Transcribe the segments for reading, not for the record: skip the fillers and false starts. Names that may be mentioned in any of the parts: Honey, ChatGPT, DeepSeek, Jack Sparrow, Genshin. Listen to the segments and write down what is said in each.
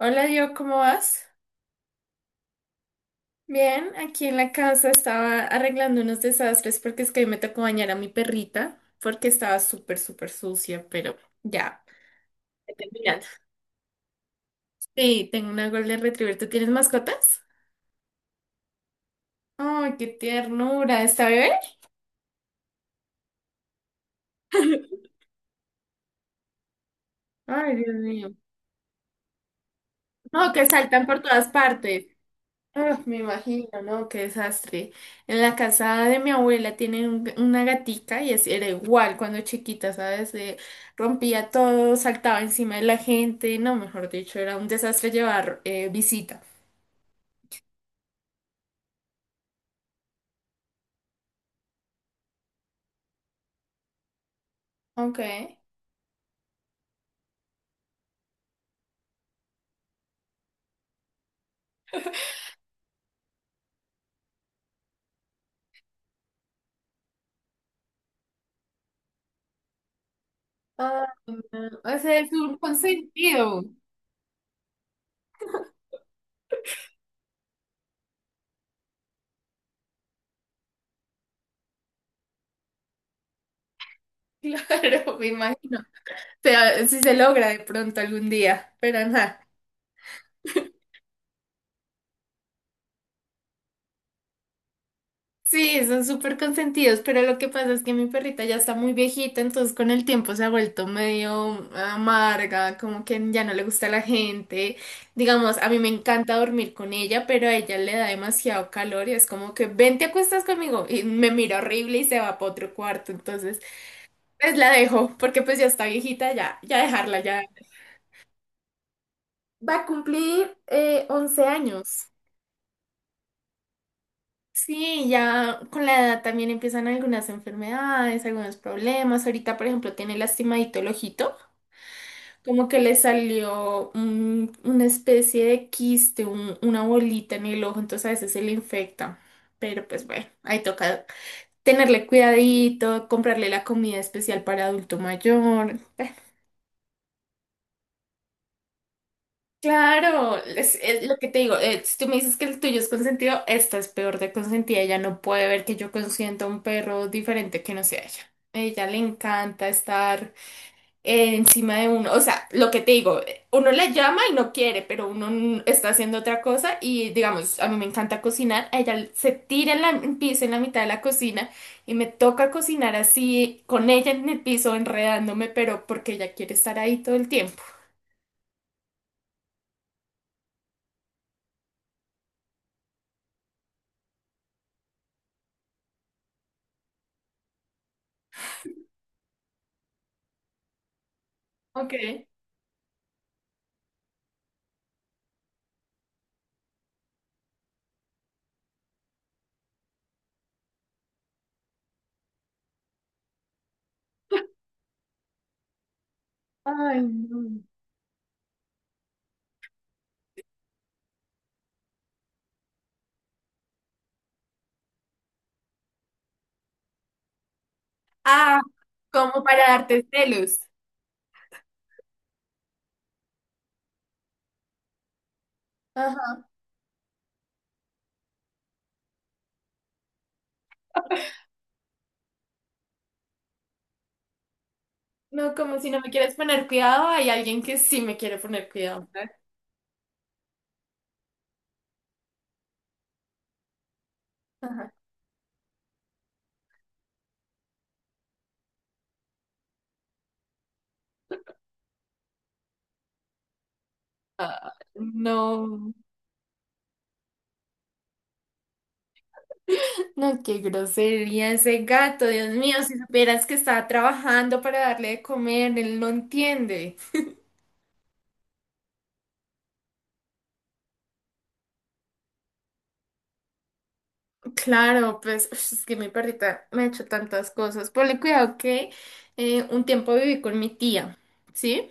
Hola, yo, ¿cómo vas? Bien, aquí en la casa estaba arreglando unos desastres porque es que hoy me tocó bañar a mi perrita porque estaba súper, súper sucia, pero ya, estoy terminando. Sí, tengo una Golden Retriever. ¿Tú tienes mascotas? Ay, qué ternura, ¿está bebé? Ay, Dios mío. No, que saltan por todas partes. Ah, me imagino, ¿no? Qué desastre. En la casa de mi abuela tienen una gatica y así era igual cuando chiquita, ¿sabes? Rompía todo, saltaba encima de la gente, no, mejor dicho, era un desastre llevar visita. Ok. Ah, no, ese es un consentido. Claro, me imagino. O sea, si se logra de pronto algún día, pero nada. Sí, son súper consentidos, pero lo que pasa es que mi perrita ya está muy viejita, entonces con el tiempo se ha vuelto medio amarga, como que ya no le gusta la gente. Digamos, a mí me encanta dormir con ella, pero a ella le da demasiado calor y es como que ven, te acuestas conmigo y me mira horrible y se va para otro cuarto. Entonces, pues la dejo, porque pues ya está viejita, ya, ya dejarla, ya. Va a cumplir 11 años. Sí, ya con la edad también empiezan algunas enfermedades, algunos problemas. Ahorita, por ejemplo, tiene lastimadito el ojito, como que le salió una especie de quiste, una bolita en el ojo, entonces a veces se le infecta. Pero pues bueno, ahí toca tenerle cuidadito, comprarle la comida especial para adulto mayor. Bueno, claro, es lo que te digo, si tú me dices que el tuyo es consentido, esta es peor de consentida, ella no puede ver que yo consiento a un perro diferente que no sea ella. A ella le encanta estar encima de uno, o sea, lo que te digo, uno le llama y no quiere, pero uno está haciendo otra cosa y digamos, a mí me encanta cocinar, a ella se tira en en piso en la mitad de la cocina y me toca cocinar así con ella en el piso enredándome, pero porque ella quiere estar ahí todo el tiempo. Ok. Ay, no. Ah, como para darte celos. Ajá. No, como si no me quieres poner cuidado, hay alguien que sí me quiere poner cuidado. Ah, no, no, qué grosería ese gato, Dios mío, si supieras que estaba trabajando para darle de comer, él no entiende. Claro, pues ush, es que mi perrita me ha hecho tantas cosas. Ponle cuidado que un tiempo viví con mi tía, ¿sí?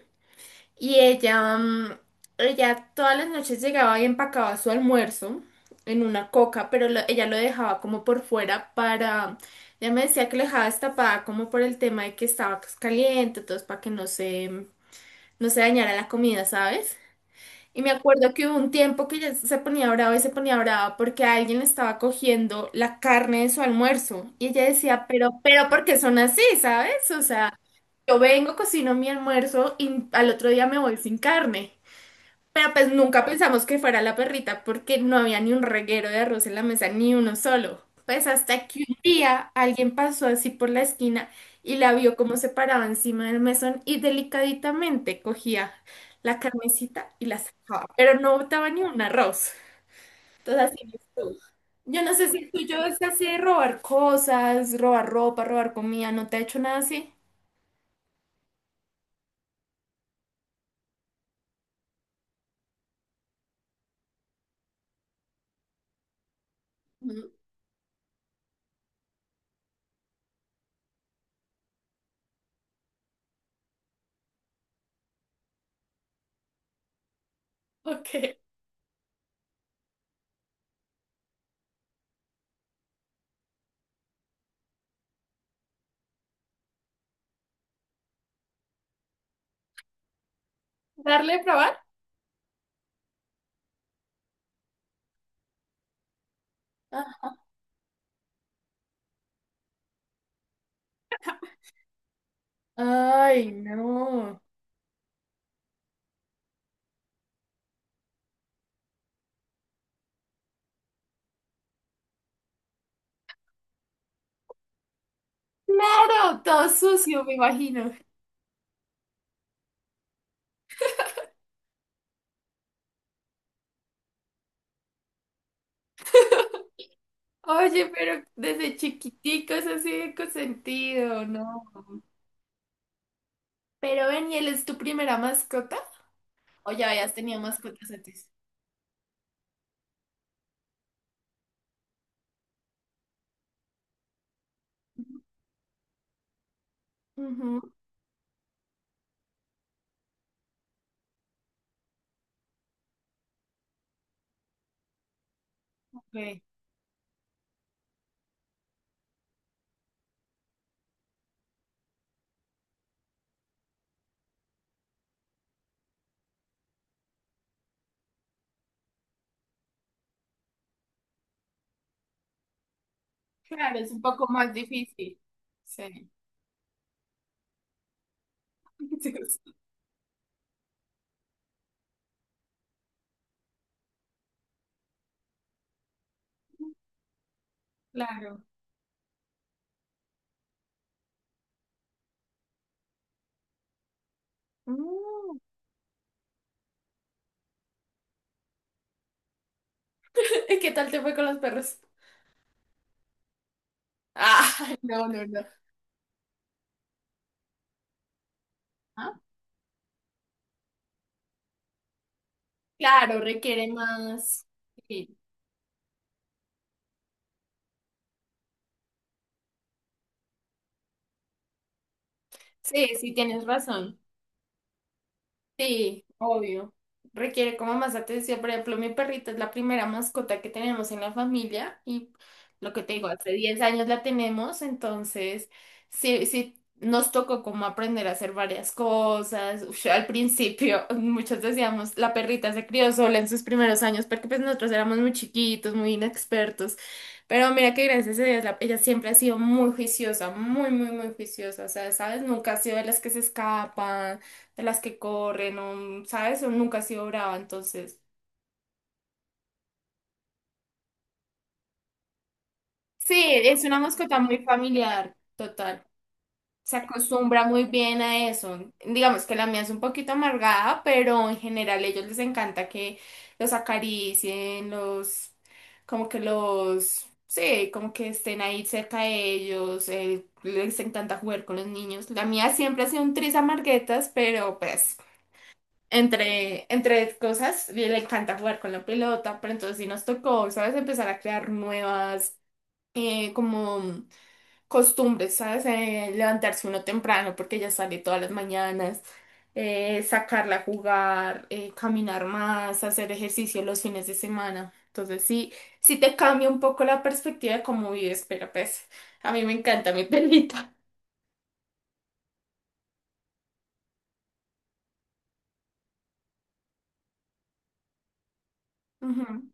Y ella todas las noches llegaba y empacaba su almuerzo en una coca, pero ella lo dejaba como por fuera para, ella me decía que lo dejaba destapada como por el tema de que estaba pues, caliente, entonces para que no se dañara la comida, ¿sabes? Y me acuerdo que hubo un tiempo que ella se ponía brava y se ponía brava porque alguien le estaba cogiendo la carne de su almuerzo. Y ella decía, pero, ¿por qué son así, ¿sabes? O sea, yo vengo, cocino mi almuerzo y al otro día me voy sin carne. Pero pues nunca pensamos que fuera la perrita porque no había ni un reguero de arroz en la mesa, ni uno solo. Pues hasta que un día alguien pasó así por la esquina y la vio como se paraba encima del mesón y delicaditamente cogía la carnecita y la sacaba, pero no botaba ni un arroz. Entonces así es tú. Yo no sé si tú yo es así de robar cosas, robar ropa, robar comida, ¿no te ha hecho nada así? Mm, ok. ¿Darle a probar? Ah, ay, no. Claro, todo sucio, me imagino. Oye, pero desde chiquiticos así de consentido, ¿no? Pero ven, ¿y él es tu primera mascota? ¿O ya habías tenido mascotas antes? Ujú, ok. Claro, es un poco más difícil. Sí. Claro. Mm. ¿Y qué tal te fue con los perros? Ah, no, no, no. Ah, claro, requiere más. Sí, sí, sí, tienes razón. Sí, obvio. Requiere como más atención. Por ejemplo, mi perrita es la primera mascota que tenemos en la familia y lo que te digo, hace 10 años la tenemos, entonces sí, sí nos tocó como aprender a hacer varias cosas. Uf, al principio, muchos decíamos, la perrita se crió sola en sus primeros años porque pues nosotros éramos muy chiquitos, muy inexpertos. Pero mira que gracias a Dios, ella siempre ha sido muy juiciosa, muy, muy, muy juiciosa. O sea, ¿sabes? Nunca ha sido de las que se escapan de las que corren, o, ¿sabes? O nunca ha sido brava, entonces. Sí, es una mascota muy familiar. Total. Se acostumbra muy bien a eso. Digamos que la mía es un poquito amargada, pero en general a ellos les encanta que los acaricien, los, como que los, sí, como que estén ahí cerca de ellos, les encanta jugar con los niños. La mía siempre ha sido un tris amarguetas, pero pues entre cosas, y le encanta jugar con la pelota, pero entonces sí nos tocó, ¿sabes? Empezar a crear nuevas, como costumbres, ¿sabes? Levantarse uno temprano porque ella sale todas las mañanas, sacarla a jugar, caminar más, hacer ejercicio los fines de semana. Entonces sí, sí te cambia un poco la perspectiva de cómo vives, pero pues a mí me encanta mi pelita. Ujú.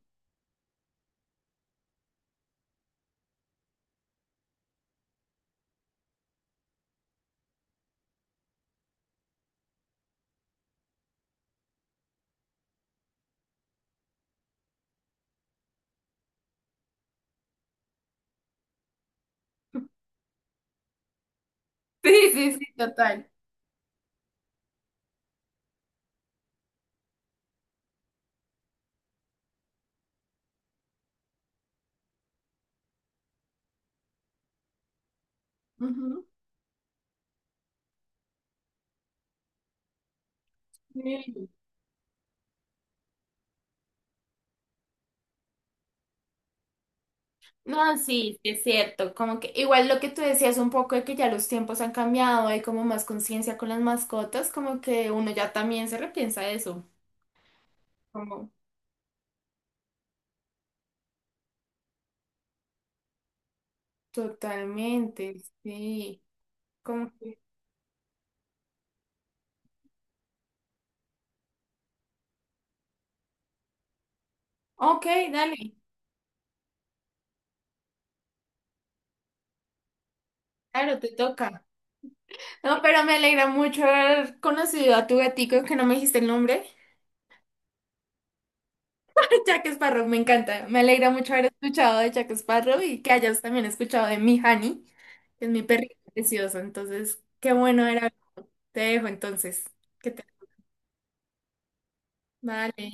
Sí, sí, sí, total. Ujú. No, sí, sí es cierto. Como que igual lo que tú decías un poco de que ya los tiempos han cambiado, hay como más conciencia con las mascotas, como que uno ya también se repiensa eso. Como totalmente, sí. Como que, ok, dale, claro, te toca. No, pero me alegra mucho haber conocido a tu gatico, que no me dijiste el nombre. Jack Sparrow, me encanta. Me alegra mucho haber escuchado de Jack Sparrow y que hayas también escuchado de mi Honey, que es mi perrito precioso. Entonces, qué bueno era. Te dejo entonces. Que te... Vale.